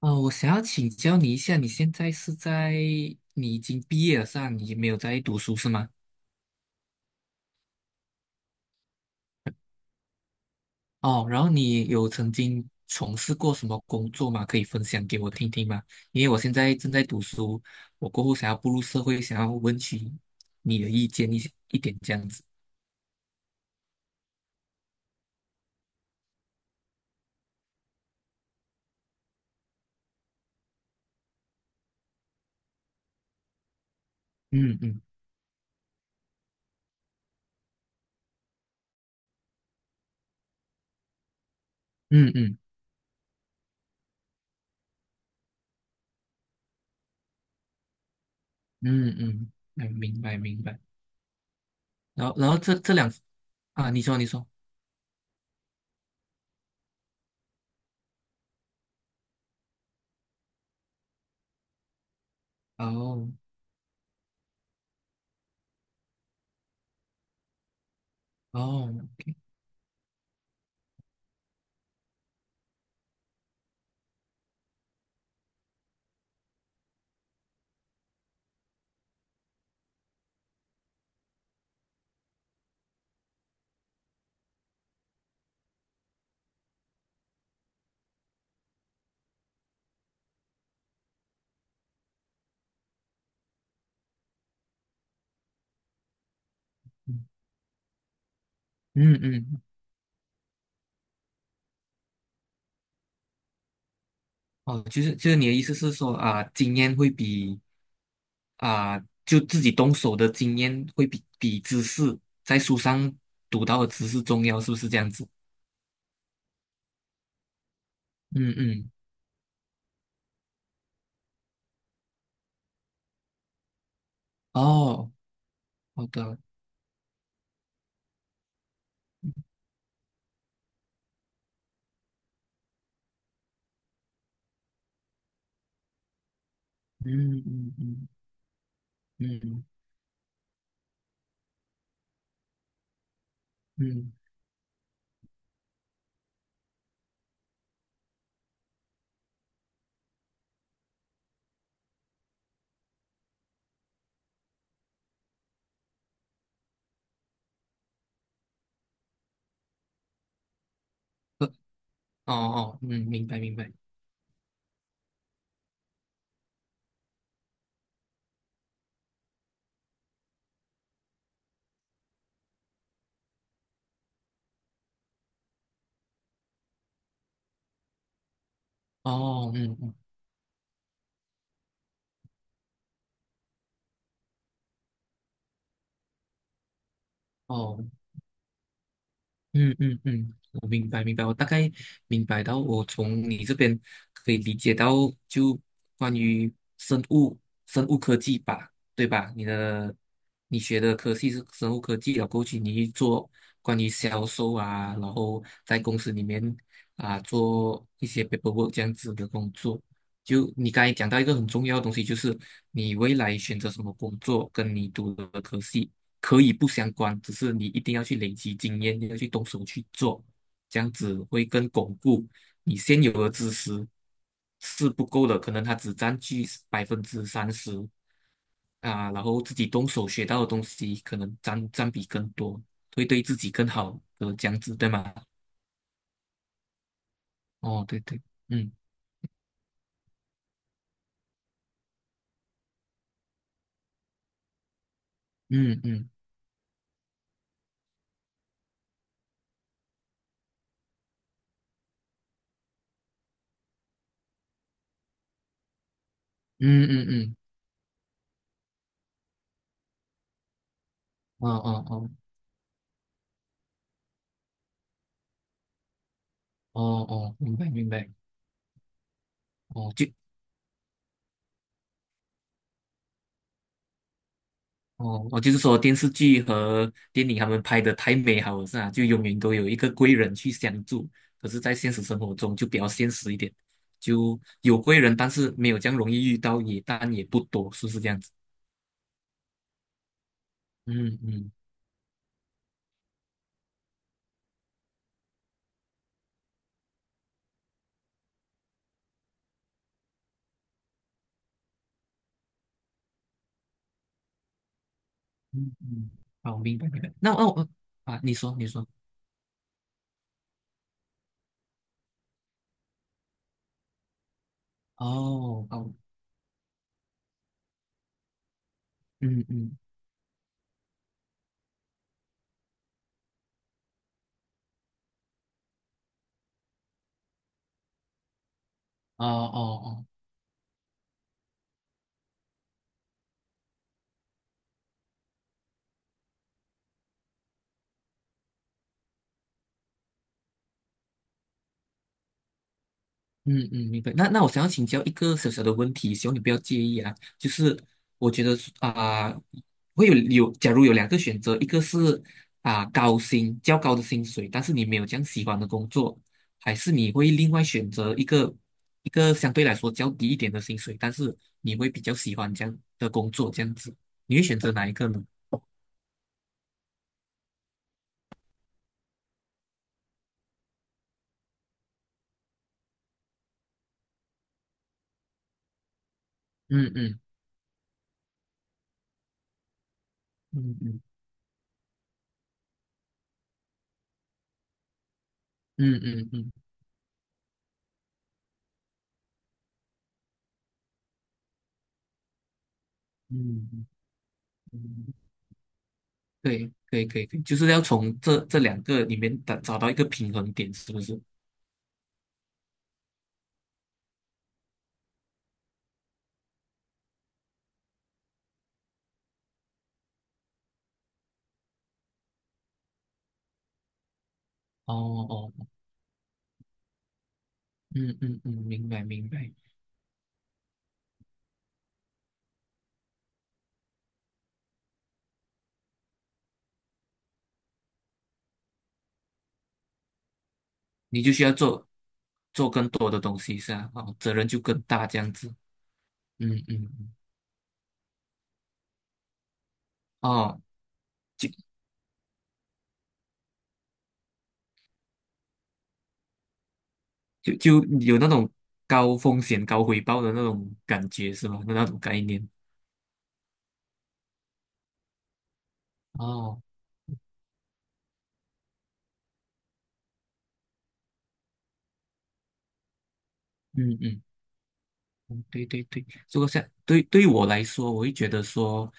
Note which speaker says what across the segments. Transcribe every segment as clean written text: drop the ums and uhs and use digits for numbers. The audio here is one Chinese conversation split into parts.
Speaker 1: 哦，我想要请教你一下，你现在是在，你已经毕业了是吧？你没有在读书是吗？哦，然后你有曾经从事过什么工作吗？可以分享给我听听吗？因为我现在正在读书，我过后想要步入社会，想要问起你的意见一些一点这样子。嗯嗯嗯嗯嗯嗯，嗯，明白明白。然后这两啊，你说你说，哦哦，嗯嗯嗯哦，就是你的意思是说啊，经验会比啊，就自己动手的经验会比知识在书上读到的知识重要，是不是这样子？嗯嗯，哦，好的，嗯嗯嗯嗯嗯，呃哦哦，嗯，明白明白，哦嗯嗯哦，嗯嗯嗯，我明白明白，我大概明白到，我从你这边可以理解到，就关于生物生物科技吧，对吧？你学的科系是生物科技，了，过去你去做关于销售啊，然后在公司里面啊做一些 paperwork 这样子的工作。就你刚才讲到一个很重要的东西，就是你未来选择什么工作，跟你读的科系。可以不相关，只是你一定要去累积经验，你要去动手去做，这样子会更巩固你现有的知识是不够的，可能它只占据百分之三十啊，然后自己动手学到的东西可能占比更多，会对自己更好的这样子，对吗？哦，对对，嗯嗯嗯嗯嗯嗯，哦哦哦哦哦，明白明白，哦就哦，我就是说电视剧和电影他们拍的太美好了，是啊，就永远都有一个贵人去相助。可是，在现实生活中就比较现实一点，就有贵人，但是没有这样容易遇到，也但也不多，是不是这样子？嗯嗯嗯嗯，好，明白明白。那哦哦啊，你说你说，哦哦，嗯嗯，哦哦嗯嗯，明白。那我想要请教一个小小的问题，希望你不要介意啊。就是我觉得啊、会有，假如有两个选择，一个是啊、高薪较高的薪水，但是你没有这样喜欢的工作，还是你会另外选择一个相对来说较低一点的薪水，但是你会比较喜欢这样的工作，这样子，你会选择哪一个呢？嗯嗯嗯嗯嗯嗯嗯嗯嗯嗯。嗯嗯对，可以，可以，可以，就是要从这两个里面找到一个平衡点，是不是？哦哦，哦嗯嗯嗯，明白明白，你就需要做更多的东西，是啊，哦，责任就更大这样子，嗯嗯，嗯哦，就就有那种高风险高回报的那种感觉是吗？那种概念，哦，嗯嗯。嗯对对对，如果像对于我来说，我会觉得说，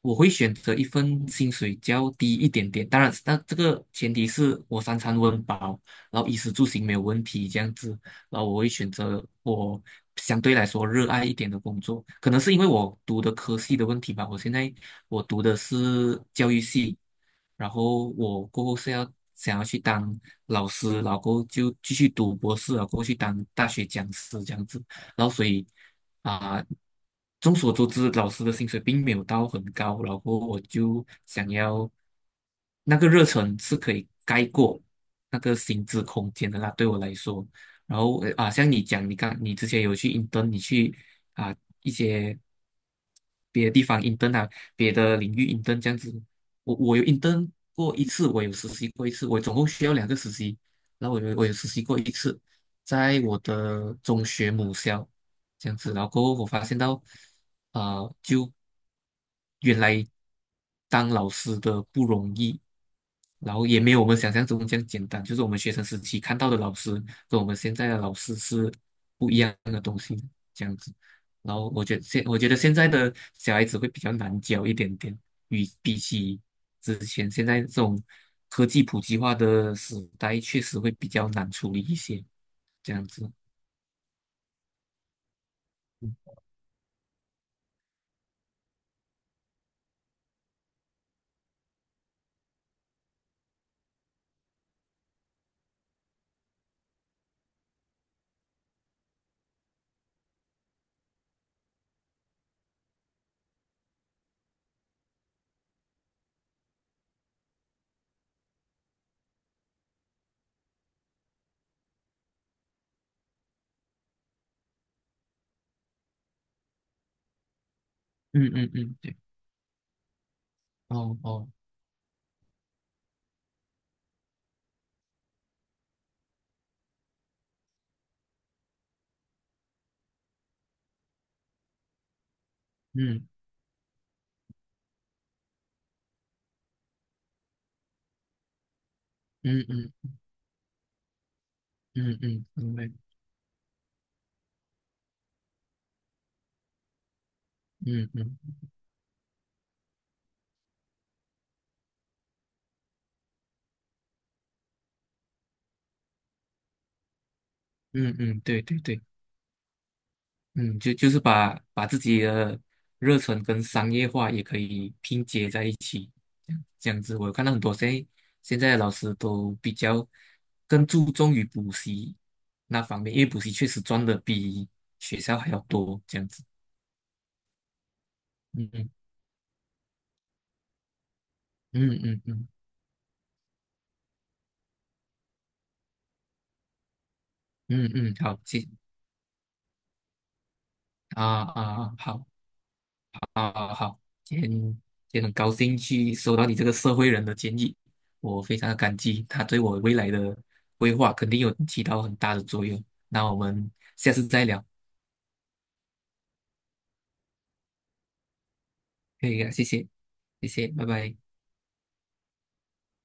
Speaker 1: 我会选择一份薪水较低一点点。当然，那这个前提是我三餐温饱，然后衣食住行没有问题这样子。然后我会选择我相对来说热爱一点的工作，可能是因为我读的科系的问题吧。我现在我读的是教育系，然后我过后想要去当老师，然后过后就继续读博士，然后过后去当大学讲师这样子。然后所以啊、众所周知，老师的薪水并没有到很高，然后我就想要那个热忱是可以盖过那个薪资空间的啦，对我来说。然后啊，像你讲，你之前有去 i n 啊一些别的地方 i n 啊，别的领域 i n 这样子。我有 i n 过一次，我有实习过一次，我总共需要两个实习，然后我有实习过一次。在我的中学母校这样子，然后过后我发现到，啊，就原来当老师的不容易，然后也没有我们想象中这样简单，就是我们学生时期看到的老师跟我们现在的老师是不一样的东西，这样子。然后我觉得现在的小孩子会比较难教一点点，与比起之前现在这种科技普及化的时代，确实会比较难处理一些。这样子。嗯嗯嗯，对，哦哦，嗯嗯嗯嗯嗯，明白，嗯嗯嗯嗯，对对对，嗯，就是把自己的热忱跟商业化也可以拼接在一起，这样子，我有看到很多现在的老师都比较更注重于补习那方面，因为补习确实赚的比学校还要多，这样子，嗯嗯嗯嗯嗯嗯嗯，好，啊啊啊，好。啊好好，今天也很高兴去收到你这个社会人的建议，我非常的感激，他对我未来的规划肯定有起到很大的作用。那我们下次再聊，可以啊，谢谢，谢谢，拜拜。